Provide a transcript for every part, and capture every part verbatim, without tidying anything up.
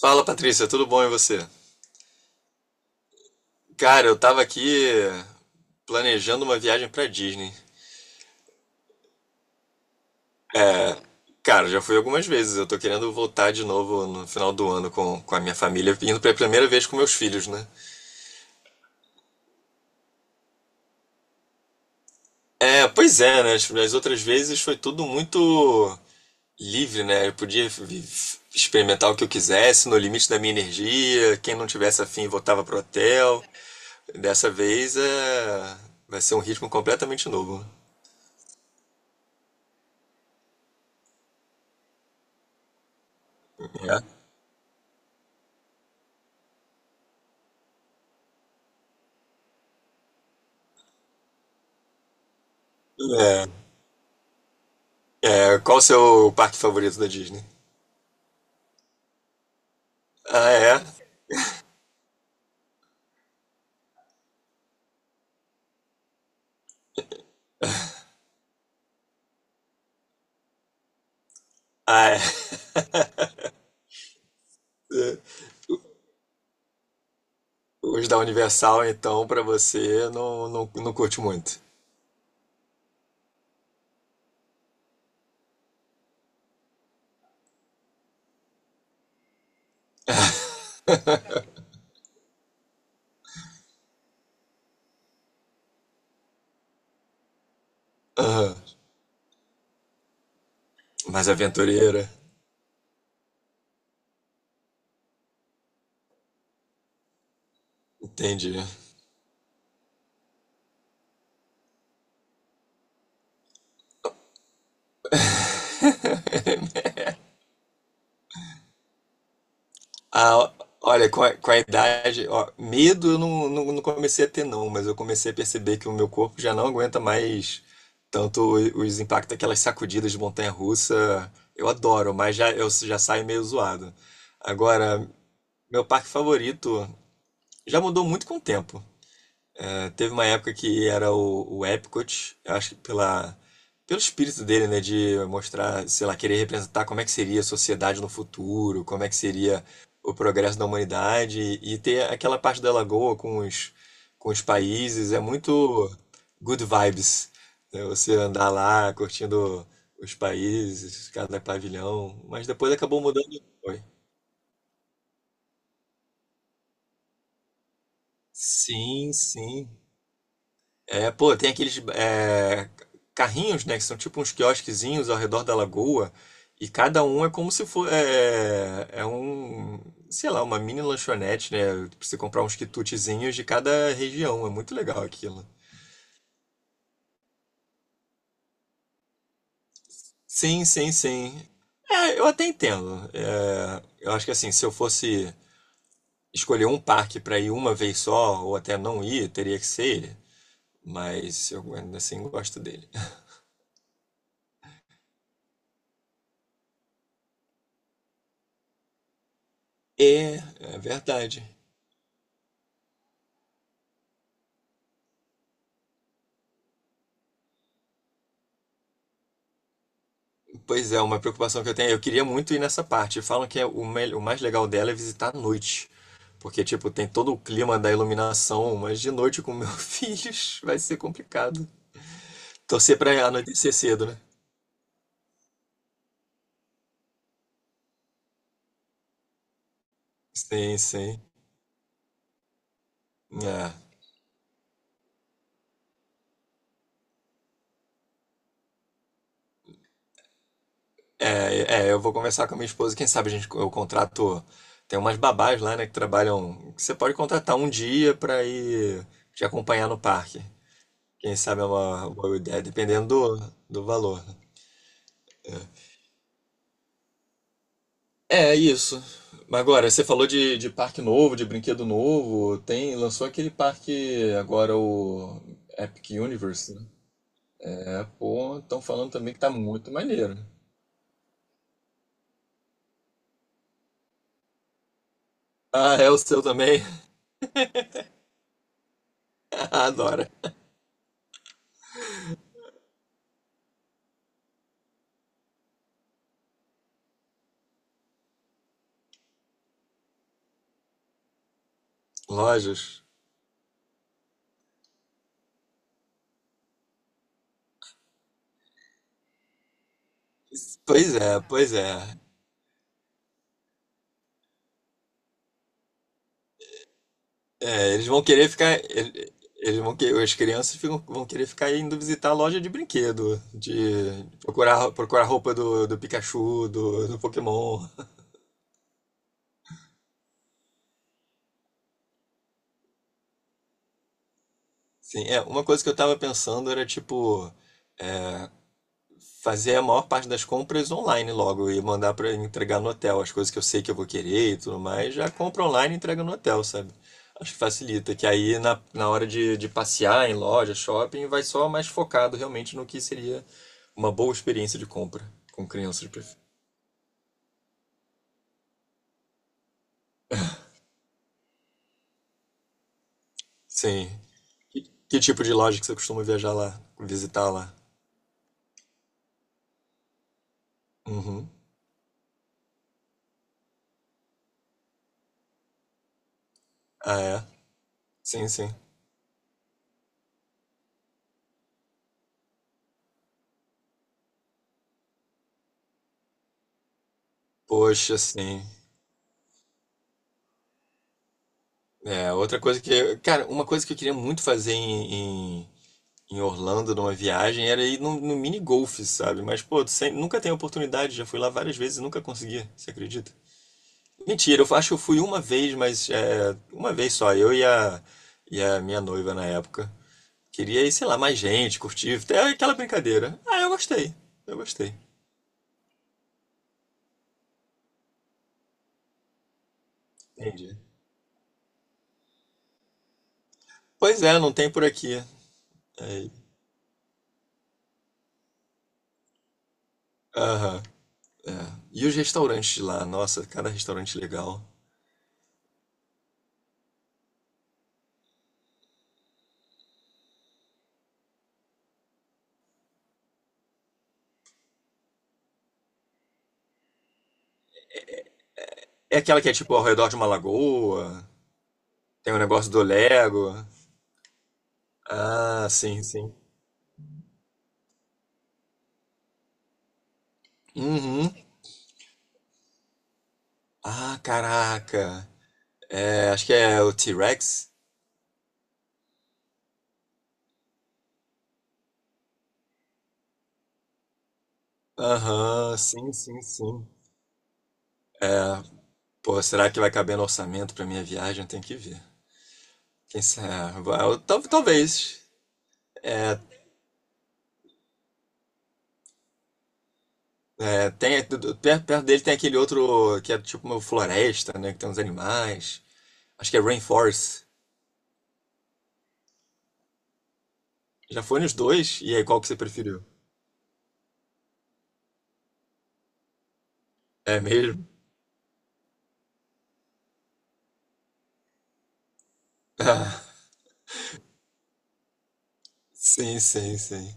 Fala, Patrícia, tudo bom e você? Cara, eu tava aqui planejando uma viagem pra Disney. Cara, já fui algumas vezes, eu tô querendo voltar de novo no final do ano com, com a minha família, indo pela primeira vez com meus filhos, né? É, pois é, né? As as outras vezes foi tudo muito livre, né? Eu podia vi- experimentar o que eu quisesse, no limite da minha energia. Quem não tivesse afim voltava pro hotel. Dessa vez é... vai ser um ritmo completamente novo. É. É, qual o seu parque favorito da Disney? Ah, é? Ah, é. Os da Universal, então, pra você, não, não, não curte muito. Aham. Mais aventureira. Entendi. Ah, olha, com a, com a idade, ó, medo eu não, não, não comecei a ter, não, mas eu comecei a perceber que o meu corpo já não aguenta mais tanto o- os impactos aquelas sacudidas de montanha-russa. Eu adoro, mas já, eu já saio meio zoado. Agora, meu parque favorito já mudou muito com o tempo. Teve uma época que era o, o Epcot, eu acho que pela, pelo espírito dele, né, de mostrar, sei lá, querer representar como é que seria a sociedade no futuro, como é que seria o progresso da humanidade e ter aquela parte da lagoa com os, com os países, é muito good vibes, né, você andar lá curtindo os países, cada pavilhão, mas depois acabou mudando. Foi Sim, sim. É, pô, tem aqueles é, carrinhos, né, que são tipo uns quiosquezinhos ao redor da lagoa, e cada um é como se fosse, é, é um, sei lá, uma mini lanchonete, né, pra você comprar uns quitutezinhos de cada região, é muito legal aquilo. Sim, sim, sim. É, eu até entendo. É, eu acho que assim, se eu fosse escolher um parque pra ir uma vez só, ou até não ir, teria que ser ele, mas eu ainda assim gosto dele. É, é verdade. Pois é, uma preocupação que eu tenho. Eu queria muito ir nessa parte. Falam que é o, mel- o mais legal dela é visitar à noite. Porque, tipo, tem todo o clima da iluminação, mas de noite com meus filhos vai ser complicado. Torcer pra anoitecer cedo, né? Sim, sim. É, é, é, eu vou conversar com a minha esposa. Quem sabe a gente, eu contrato. Tem umas babás lá, né, que trabalham. Que Você pode contratar um dia pra ir te acompanhar no parque. Quem sabe é uma boa ideia, dependendo do, do valor. É isso. Agora, você falou de, de parque novo, de brinquedo novo. Tem, lançou aquele parque agora, o Epic Universe. Né? É, pô, estão falando também que tá muito maneiro. Ah, é o seu também? Adora. Lojas. Pois é, pois é. É, eles vão querer ficar. ele- Eles vão que, as crianças ficam- vão querer ficar indo visitar a loja de brinquedo, de procurar, procurar roupa do, do Pikachu, do, do Pokémon. Sim, é, uma coisa que eu tava pensando era tipo. Fazer a maior parte das compras online logo e mandar para entregar no hotel as coisas que eu sei que eu vou querer e tudo mais, já compra online e entrega no hotel, sabe? Acho que facilita, que aí na, na hora de, de passear em loja, shopping, vai só mais focado realmente no que seria uma boa experiência de compra com crianças. pre- Sim. Que, que tipo de loja que você costuma viajar lá, visitar lá? Uhum. Ah, é? Sim, sim. Poxa, sim. É, outra coisa que. Cara, uma coisa que eu queria muito fazer em, em Orlando numa viagem era ir no, no mini golf, sabe? Mas, pô, tu sem- nunca tem oportunidade, já fui lá várias vezes e nunca consegui, você acredita? Mentira, eu acho que eu fui uma vez, mas é, uma vez só, eu e a, e a minha noiva na época. Queria ir, sei lá, mais gente, curtir, até aquela brincadeira. Ah, eu gostei, eu gostei. Entendi. Pois é, não tem por aqui. Aí, aham. E os restaurantes de lá? Nossa, cada restaurante legal. É aquela que é tipo ao redor de uma lagoa, tem o negócio do Lego. Ah, sim, sim. Uhum. Ah, caraca. É, acho que é o T-Rex. Aham, sim, sim, sim. Pô, será que vai caber no orçamento pra minha viagem? Tem que ver. Quem sabe? Vai- tal- Talvez. É, é, tem, perto, perto dele tem aquele outro que é tipo uma floresta, né? Que tem uns animais. Acho que é Rainforest. Já foi nos dois? E aí, qual que você preferiu? É mesmo? Ah, sim, sim, sim.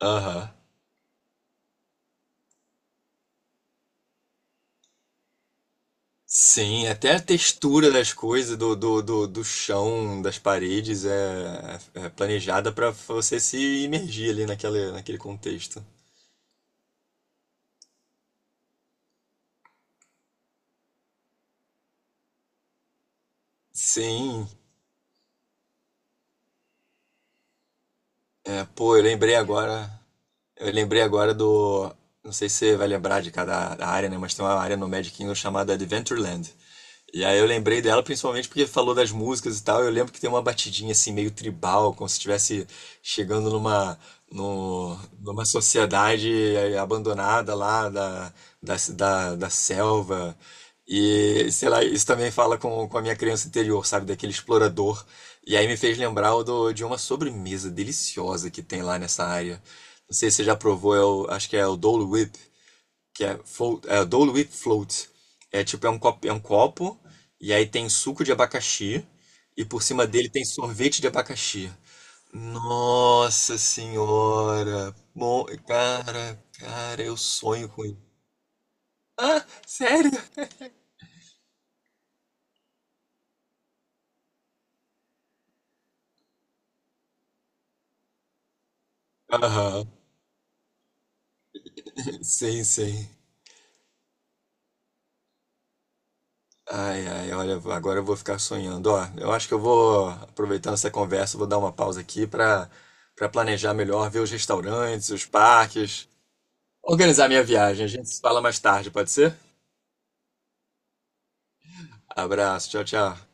Aham. Sim, até a textura das coisas, do, do, do, do chão, das paredes, é, é é planejada para você se imergir ali naquele, naquele contexto. Sim, é, pô, eu lembrei agora. Eu lembrei agora do. Não sei se você vai lembrar de cada área, né? Mas tem uma área no Magic Kingdom chamada Adventureland. E aí eu lembrei dela principalmente porque falou das músicas e tal. Eu lembro que tem uma batidinha assim meio tribal, como se estivesse chegando numa no- numa sociedade eh, abandonada lá da, da, da, da selva. E sei lá, isso também fala com, com a minha criança interior, sabe? Daquele explorador. E aí me fez lembrar o do, de uma sobremesa deliciosa que tem lá nessa área. Não sei se você já provou, é o- acho que é o Dole Whip que é, float, é Dole with Float. É tipo, é um copo, é um copo, e aí tem suco de abacaxi, e por cima dele tem sorvete de abacaxi. Nossa senhora! Bom, cara, cara, eu sonho com isso. Ah, sério? Aham, sim, sim. Ai, ai, olha, agora eu vou ficar sonhando. Ó, eu acho que eu vou, aproveitando essa conversa, vou dar uma pausa aqui para para planejar melhor, ver os restaurantes, os parques. Organizar minha viagem. A gente se fala mais tarde, pode ser? Abraço, tchau, tchau.